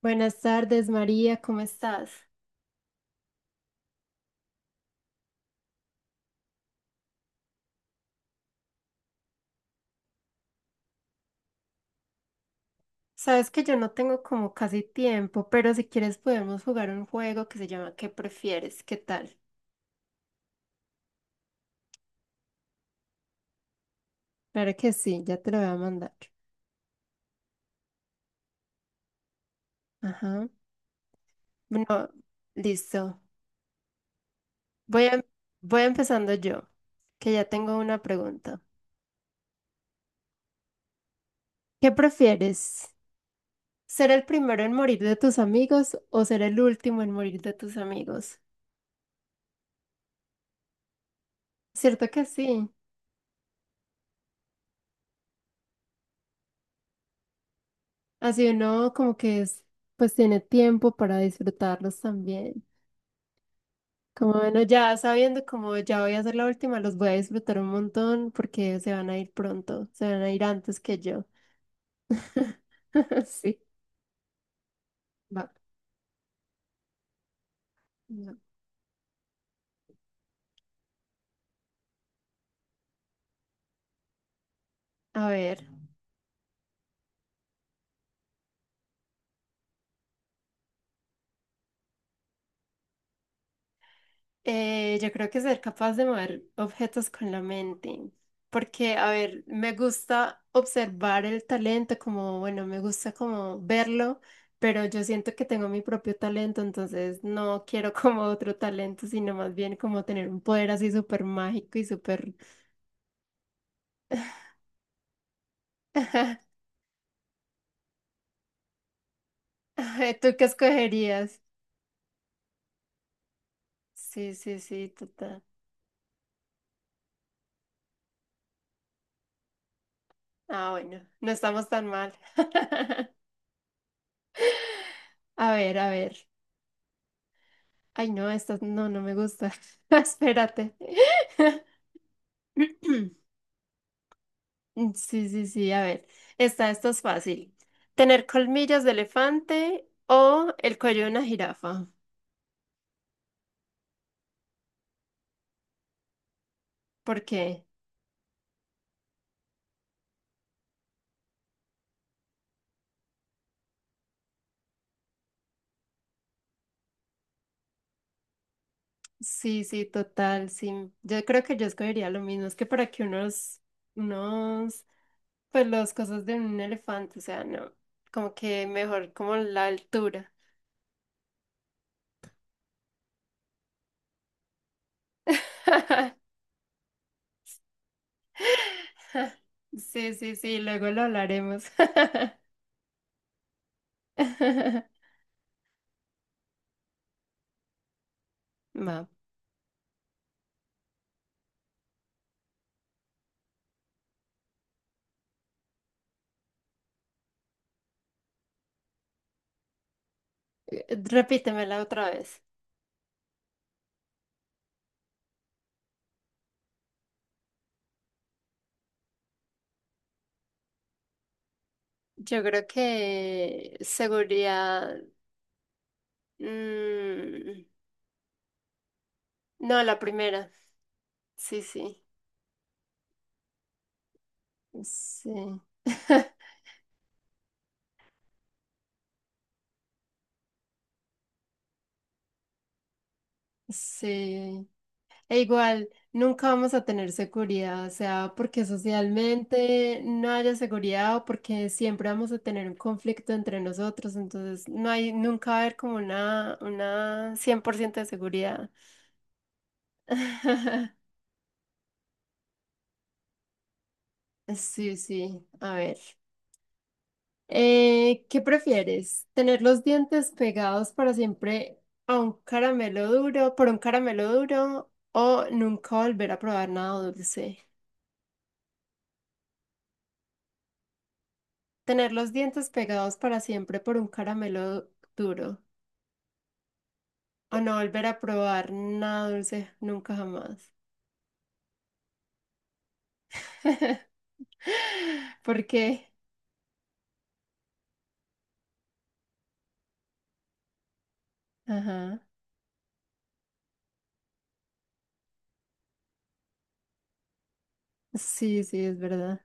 Buenas tardes, María, ¿cómo estás? Sabes que yo no tengo como casi tiempo, pero si quieres podemos jugar un juego que se llama ¿Qué prefieres? ¿Qué tal? Claro que sí, ya te lo voy a mandar. Ajá. Bueno, listo. Voy a- Voy empezando yo, que ya tengo una pregunta. ¿Qué prefieres? ¿Ser el primero en morir de tus amigos o ser el último en morir de tus amigos? Cierto que sí. Así uno como que es, pues tiene tiempo para disfrutarlos también. Como bueno, ya sabiendo como ya voy a hacer la última, los voy a disfrutar un montón porque se van a ir pronto, se van a ir antes que yo. Sí, va. Va. A ver, yo creo que ser capaz de mover objetos con la mente, porque, a ver, me gusta observar el talento, como, bueno, me gusta como verlo, pero yo siento que tengo mi propio talento, entonces no quiero como otro talento, sino más bien como tener un poder así súper mágico y súper ¿Tú qué escogerías? Sí, sí, sí, total. Ah, bueno, no estamos tan mal. A ver, a ver. Ay, no, esta no, no me gusta. Espérate. Sí, sí, sí, a ver. Esta es fácil. ¿Tener colmillos de elefante o el cuello de una jirafa? ¿Por qué? Sí, sí, total, sí. Yo creo que yo escogería lo mismo. Es que para que unos, unos, pues las cosas de un elefante, o sea, no, como que mejor como la altura. Sí, sí, sí, luego lo hablaremos. Va, repítemela otra vez. Yo creo que seguridad. mm, no, la primera. Sí, sí. Sí. Sí. E igual, nunca vamos a tener seguridad, o sea, porque socialmente no haya seguridad o porque siempre vamos a tener un conflicto entre nosotros, entonces no hay, nunca va a haber como una 100% de seguridad. Sí, sí, a ver. ¿Qué prefieres? ¿Tener los dientes pegados para siempre a un caramelo duro, por un caramelo duro, o nunca volver a probar nada dulce? Tener los dientes pegados para siempre por un caramelo duro. O no volver a probar nada dulce nunca jamás. ¿Por qué? Ajá. Sí, sí, es verdad.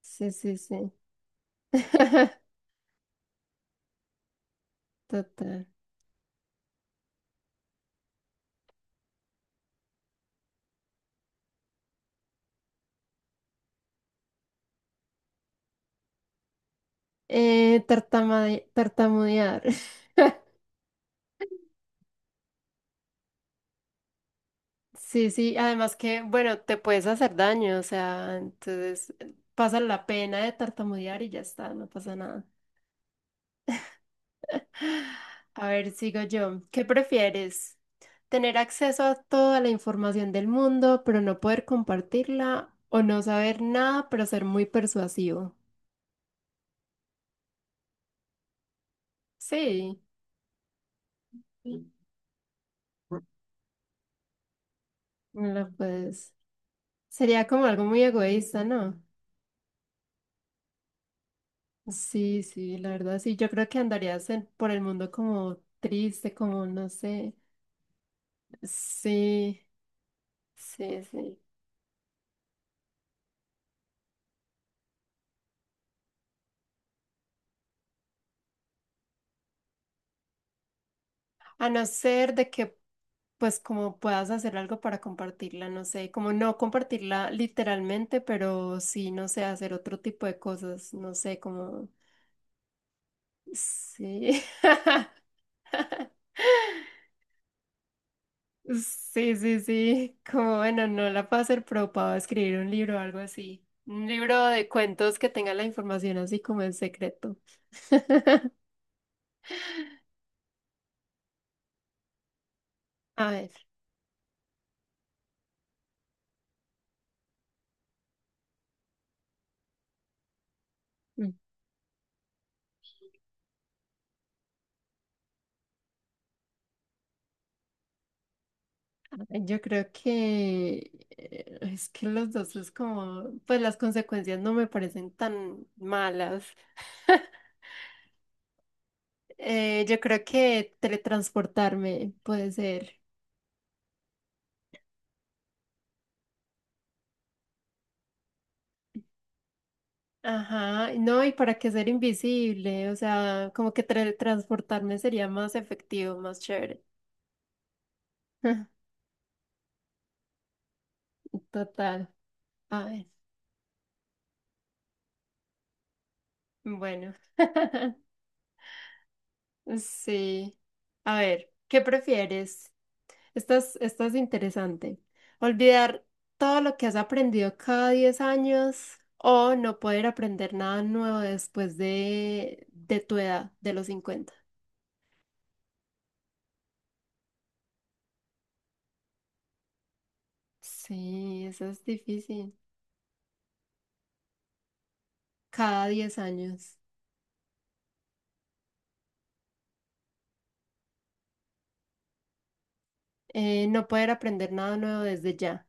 Sí, sí, sí. Total. Tartamudear. Sí, sí. Además que, bueno, te puedes hacer daño. O sea, entonces pasa la pena de tartamudear y ya está, no pasa nada. A ver, sigo yo. ¿Qué prefieres? ¿Tener acceso a toda la información del mundo, pero no poder compartirla? ¿O no saber nada, pero ser muy persuasivo? Sí, no lo puedes. Sería como algo muy egoísta, ¿no? Sí, sí, la verdad, sí. Yo creo que por el mundo como triste, como no sé. Sí, sí, sí. A no ser de que, pues, como puedas hacer algo para compartirla, no sé, como no compartirla literalmente, pero sí, no sé, hacer otro tipo de cosas, no sé, como, sí, sí, sí, sí, como, bueno, no la puedo hacer, pero puedo escribir un libro o algo así. Un libro de cuentos que tenga la información así como en secreto. A ver, mm, a ver, yo creo que es que los dos es como, pues las consecuencias no me parecen tan malas. Yo creo que teletransportarme puede ser. Ajá, no, ¿y para qué ser invisible? O sea, como que teletransportarme sería más efectivo, más chévere. Total. A ver, bueno. Sí. A ver, ¿qué prefieres? Esta es interesante. ¿Olvidar todo lo que has aprendido cada 10 años o no poder aprender nada nuevo después de tu edad, de los 50? Sí, eso es difícil. Cada 10 años. No poder aprender nada nuevo desde ya.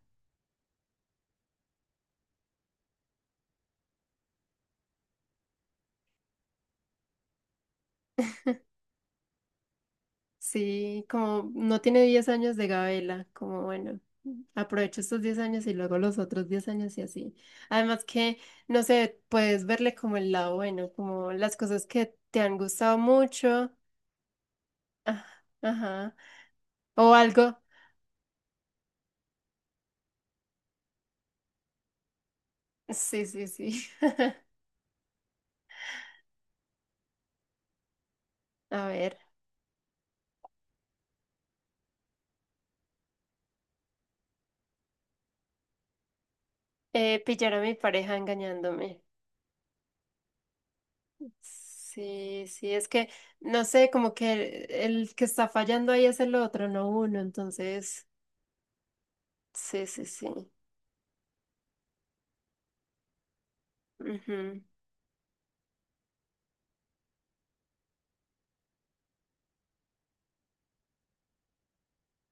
Sí, como no tiene 10 años de Gabela, como bueno, aprovecho estos 10 años y luego los otros 10 años y así. Además que, no sé, puedes verle como el lado bueno, como las cosas que te han gustado mucho. Ah, ajá. O algo. Sí, sí, sí. A ver. Pillar a mi pareja engañándome. Sí, sí, es que, no sé, como que el que está fallando ahí es el otro, no uno, entonces, sí, sí, sí. Ujú,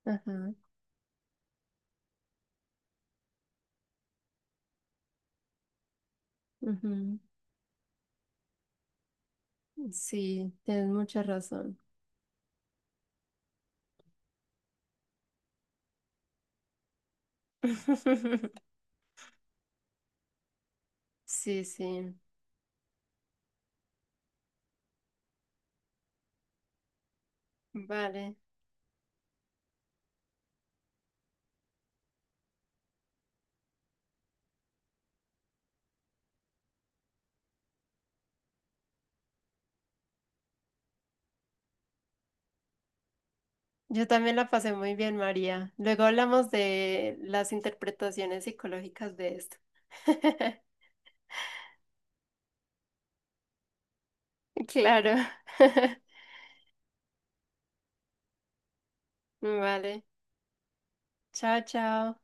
ajá, ujú. Sí, tienes mucha razón. Sí, sí, vale. Yo también la pasé muy bien, María. Luego hablamos de las interpretaciones psicológicas de esto. Claro. Vale. Chao, chao.